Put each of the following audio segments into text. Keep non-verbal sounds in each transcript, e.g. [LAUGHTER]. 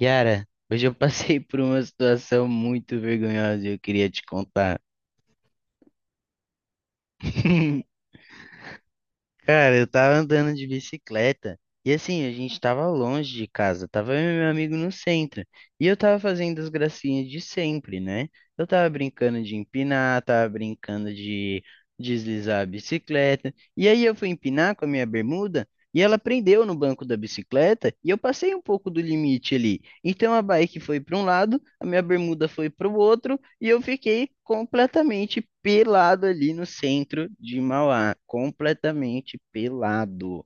Yara, hoje eu passei por uma situação muito vergonhosa e eu queria te contar. [LAUGHS] Cara, eu tava andando de bicicleta e assim, a gente tava longe de casa, tava eu e meu amigo no centro. E eu tava fazendo as gracinhas de sempre, né? Eu tava brincando de empinar, tava brincando de deslizar a bicicleta. E aí eu fui empinar com a minha bermuda. E ela prendeu no banco da bicicleta e eu passei um pouco do limite ali. Então a bike foi para um lado, a minha bermuda foi para o outro e eu fiquei completamente pelado ali no centro de Mauá, completamente pelado.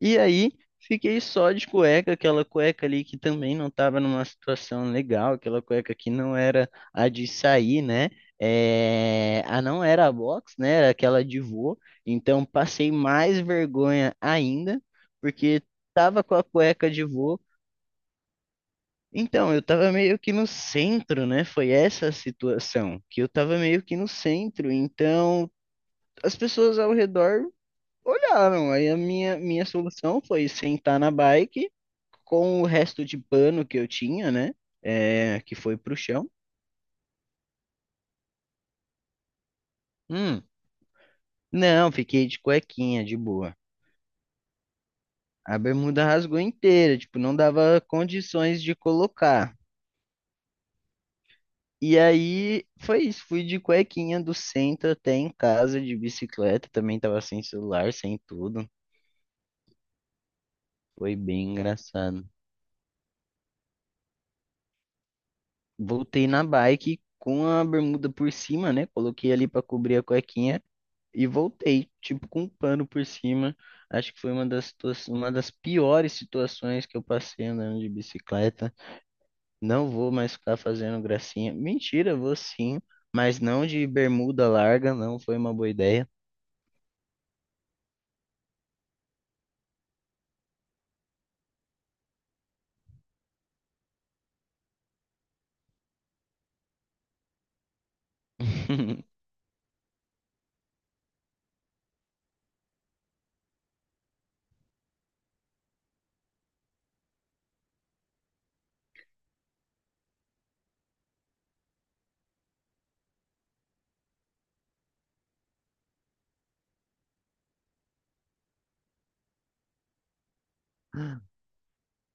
E aí fiquei só de cueca, aquela cueca ali que também não estava numa situação legal, aquela cueca que não era a de sair, né? É, a não era a box, né? Era aquela de vô. Então passei mais vergonha ainda, porque tava com a cueca de vô. Então, eu tava meio que no centro, né? Foi essa a situação, que eu tava meio que no centro. Então, as pessoas ao redor olharam, aí a minha solução foi sentar na bike com o resto de pano que eu tinha, né? É, que foi pro chão. Hum, não, fiquei de cuequinha, de boa. A bermuda rasgou inteira, tipo, não dava condições de colocar. E aí foi isso, fui de cuequinha do centro até em casa de bicicleta, também tava sem celular, sem tudo. Foi bem engraçado. Voltei na bike com a bermuda por cima, né? Coloquei ali pra cobrir a cuequinha. E voltei, tipo, com um pano por cima. Acho que foi uma das, uma das piores situações que eu passei andando de bicicleta. Não vou mais ficar fazendo gracinha. Mentira, vou sim, mas não de bermuda larga, não foi uma boa ideia. [LAUGHS]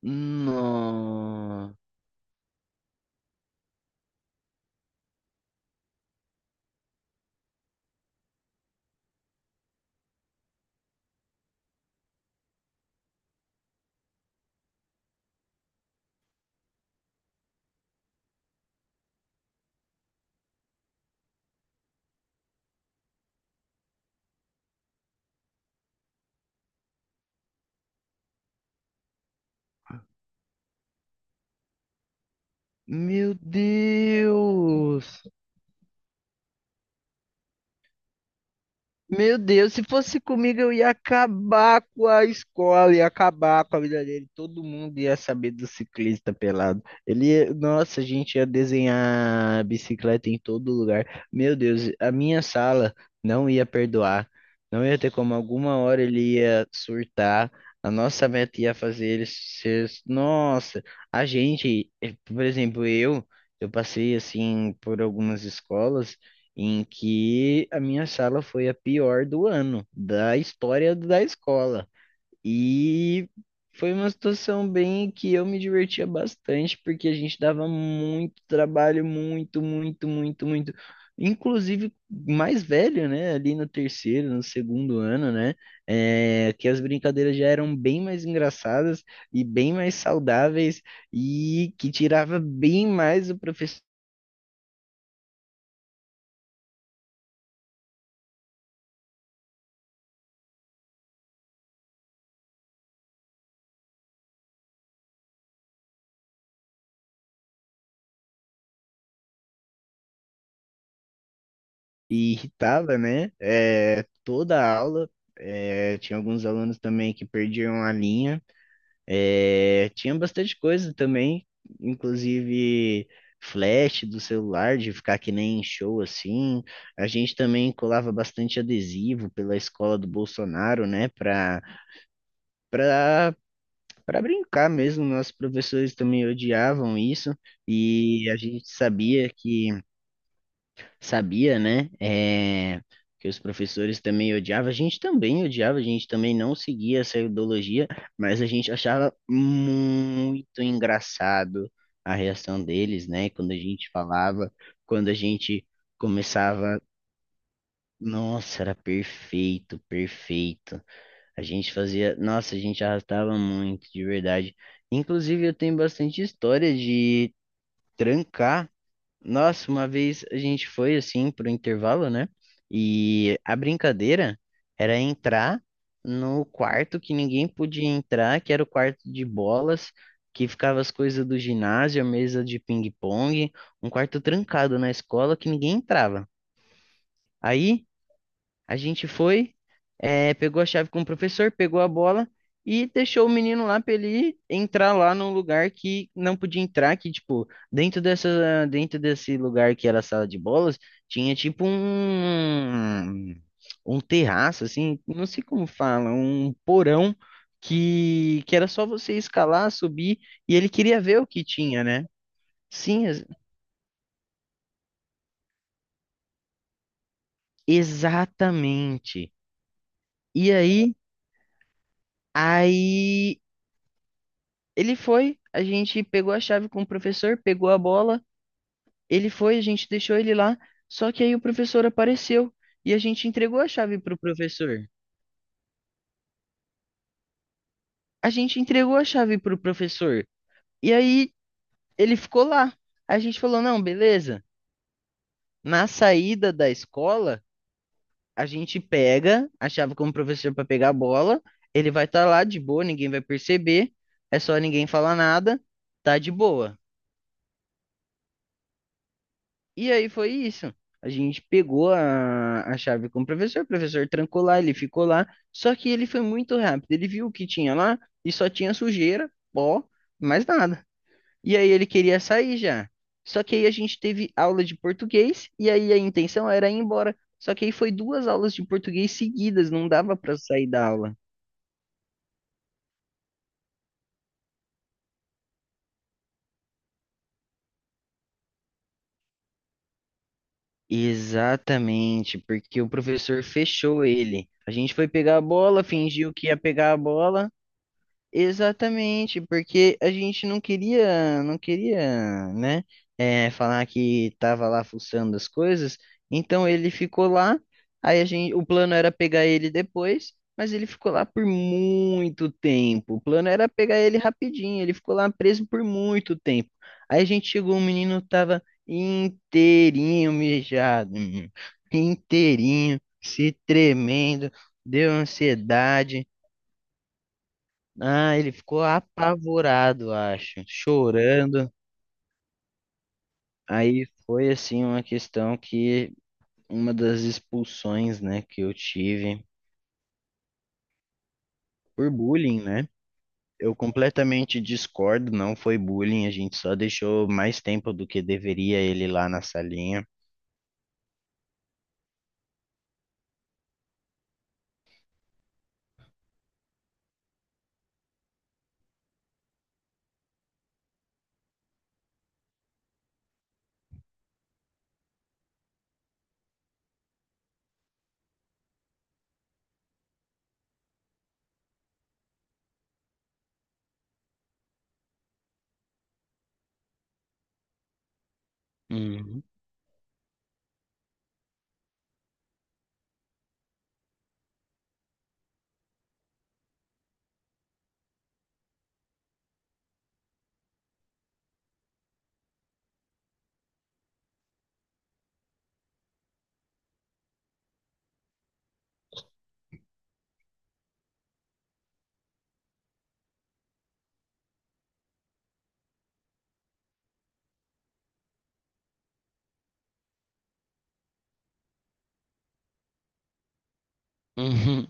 Não. Meu Deus! Meu Deus, se fosse comigo, eu ia acabar com a escola, ia acabar com a vida dele. Todo mundo ia saber do ciclista pelado. Ele, nossa, a gente ia desenhar bicicleta em todo lugar. Meu Deus, a minha sala não ia perdoar. Não ia ter como, alguma hora ele ia surtar. A nossa meta ia fazer ele ser. Nossa, a gente, por exemplo, eu passei assim por algumas escolas em que a minha sala foi a pior do ano, da história da escola. E foi uma situação bem que eu me divertia bastante, porque a gente dava muito trabalho, muito, muito, muito, muito. Inclusive mais velho, né? Ali no terceiro, no segundo ano, né? É, que as brincadeiras já eram bem mais engraçadas e bem mais saudáveis e que tirava bem mais o professor e irritava, né? É, toda a aula. É, tinha alguns alunos também que perdiam a linha. É, tinha bastante coisa também, inclusive flash do celular, de ficar que nem em show assim. A gente também colava bastante adesivo pela escola do Bolsonaro, né? Para para brincar mesmo. Nossos professores também odiavam isso e a gente sabia que sabia, né? É, que os professores também odiavam, a gente também odiava, a gente também não seguia essa ideologia, mas a gente achava muito engraçado a reação deles, né? Quando a gente falava, quando a gente começava, nossa, era perfeito, perfeito. A gente fazia, nossa, a gente arrastava muito, de verdade. Inclusive, eu tenho bastante história de trancar. Nossa, uma vez a gente foi assim pro intervalo, né? E a brincadeira era entrar no quarto que ninguém podia entrar, que era o quarto de bolas, que ficava as coisas do ginásio, a mesa de ping-pong, um quarto trancado na escola que ninguém entrava. Aí a gente foi, pegou a chave com o professor, pegou a bola e deixou o menino lá para ele entrar lá num lugar que não podia entrar, que tipo, dentro dessa, dentro desse lugar que era a sala de bolas, tinha tipo um terraço assim, não sei como fala, um porão que era só você escalar, subir e ele queria ver o que tinha, né? Sim, exatamente. E aí, ele foi, a gente pegou a chave com o professor, pegou a bola, ele foi, a gente deixou ele lá, só que aí o professor apareceu e a gente entregou a chave pro professor. A gente entregou a chave pro professor e aí ele ficou lá. A gente falou: "Não, beleza. Na saída da escola, a gente pega a chave com o professor para pegar a bola, ele vai estar lá de boa, ninguém vai perceber, é só ninguém falar nada, tá de boa." E aí foi isso. A gente pegou a chave com o professor trancou lá, ele ficou lá. Só que ele foi muito rápido, ele viu o que tinha lá e só tinha sujeira, pó, mais nada. E aí ele queria sair já. Só que aí a gente teve aula de português e aí a intenção era ir embora. Só que aí foi duas aulas de português seguidas, não dava para sair da aula. Exatamente, porque o professor fechou ele. A gente foi pegar a bola, fingiu que ia pegar a bola. Exatamente, porque a gente não queria, né, falar que estava lá fuçando as coisas, então ele ficou lá, aí a gente, o plano era pegar ele depois, mas ele ficou lá por muito tempo, o plano era pegar ele rapidinho, ele ficou lá preso por muito tempo, aí a gente chegou, o menino tava inteirinho mijado, menino, inteirinho, se tremendo, deu ansiedade, ah, ele ficou apavorado, acho, chorando. Aí foi assim uma questão que uma das expulsões, né, que eu tive por bullying, né? Eu completamente discordo, não foi bullying, a gente só deixou mais tempo do que deveria ele lá na salinha. Uhum. Uhum.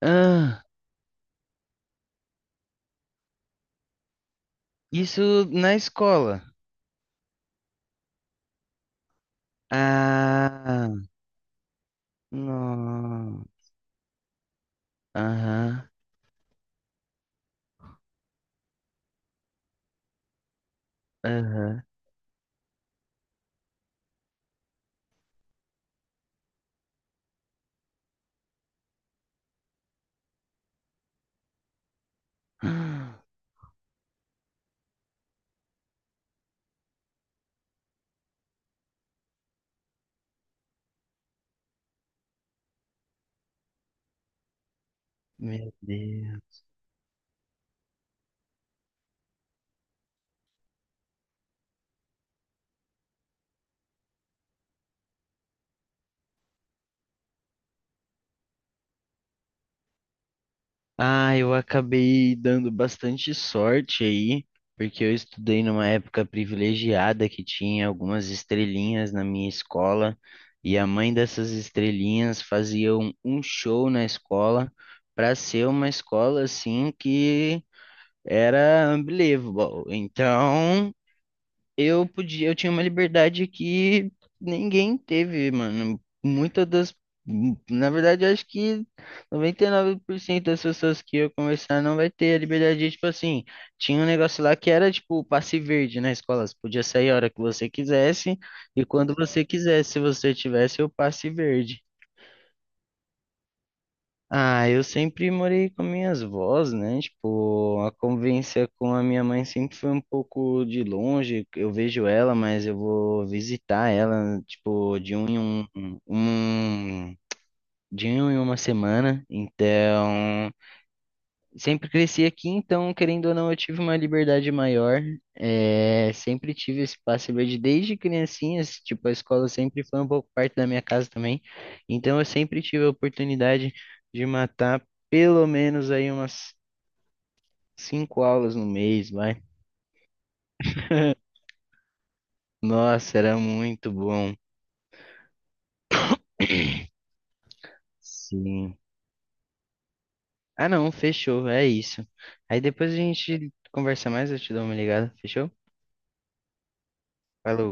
Ah, isso na escola. Ah, não. Aham, aham. [GASPS] Meu Deus. Ah, eu acabei dando bastante sorte aí, porque eu estudei numa época privilegiada que tinha algumas estrelinhas na minha escola, e a mãe dessas estrelinhas fazia um show na escola para ser uma escola assim que era unbelievable. Então, eu podia, eu tinha uma liberdade que ninguém teve, mano. Muitas das, na verdade, eu acho que 99% das pessoas que eu conversar não vai ter a liberdade de, tipo assim, tinha um negócio lá que era tipo passe verde na escola, você podia sair a hora que você quisesse e quando você quisesse, se você tivesse o passe verde. Ah, eu sempre morei com minhas avós, né? Tipo, a convivência com a minha mãe sempre foi um pouco de longe. Eu vejo ela, mas eu vou visitar ela, tipo, de um em um, um um, de um em uma semana. Então, sempre cresci aqui, então, querendo ou não, eu tive uma liberdade maior. É, sempre tive esse passe livre desde criancinhas, tipo, a escola sempre foi um pouco parte da minha casa também. Então, eu sempre tive a oportunidade de matar pelo menos aí umas cinco aulas no mês, vai. Nossa, era muito bom. Sim. Ah, não, fechou, é isso. Aí depois a gente conversa mais, eu te dou uma ligada, fechou? Falou.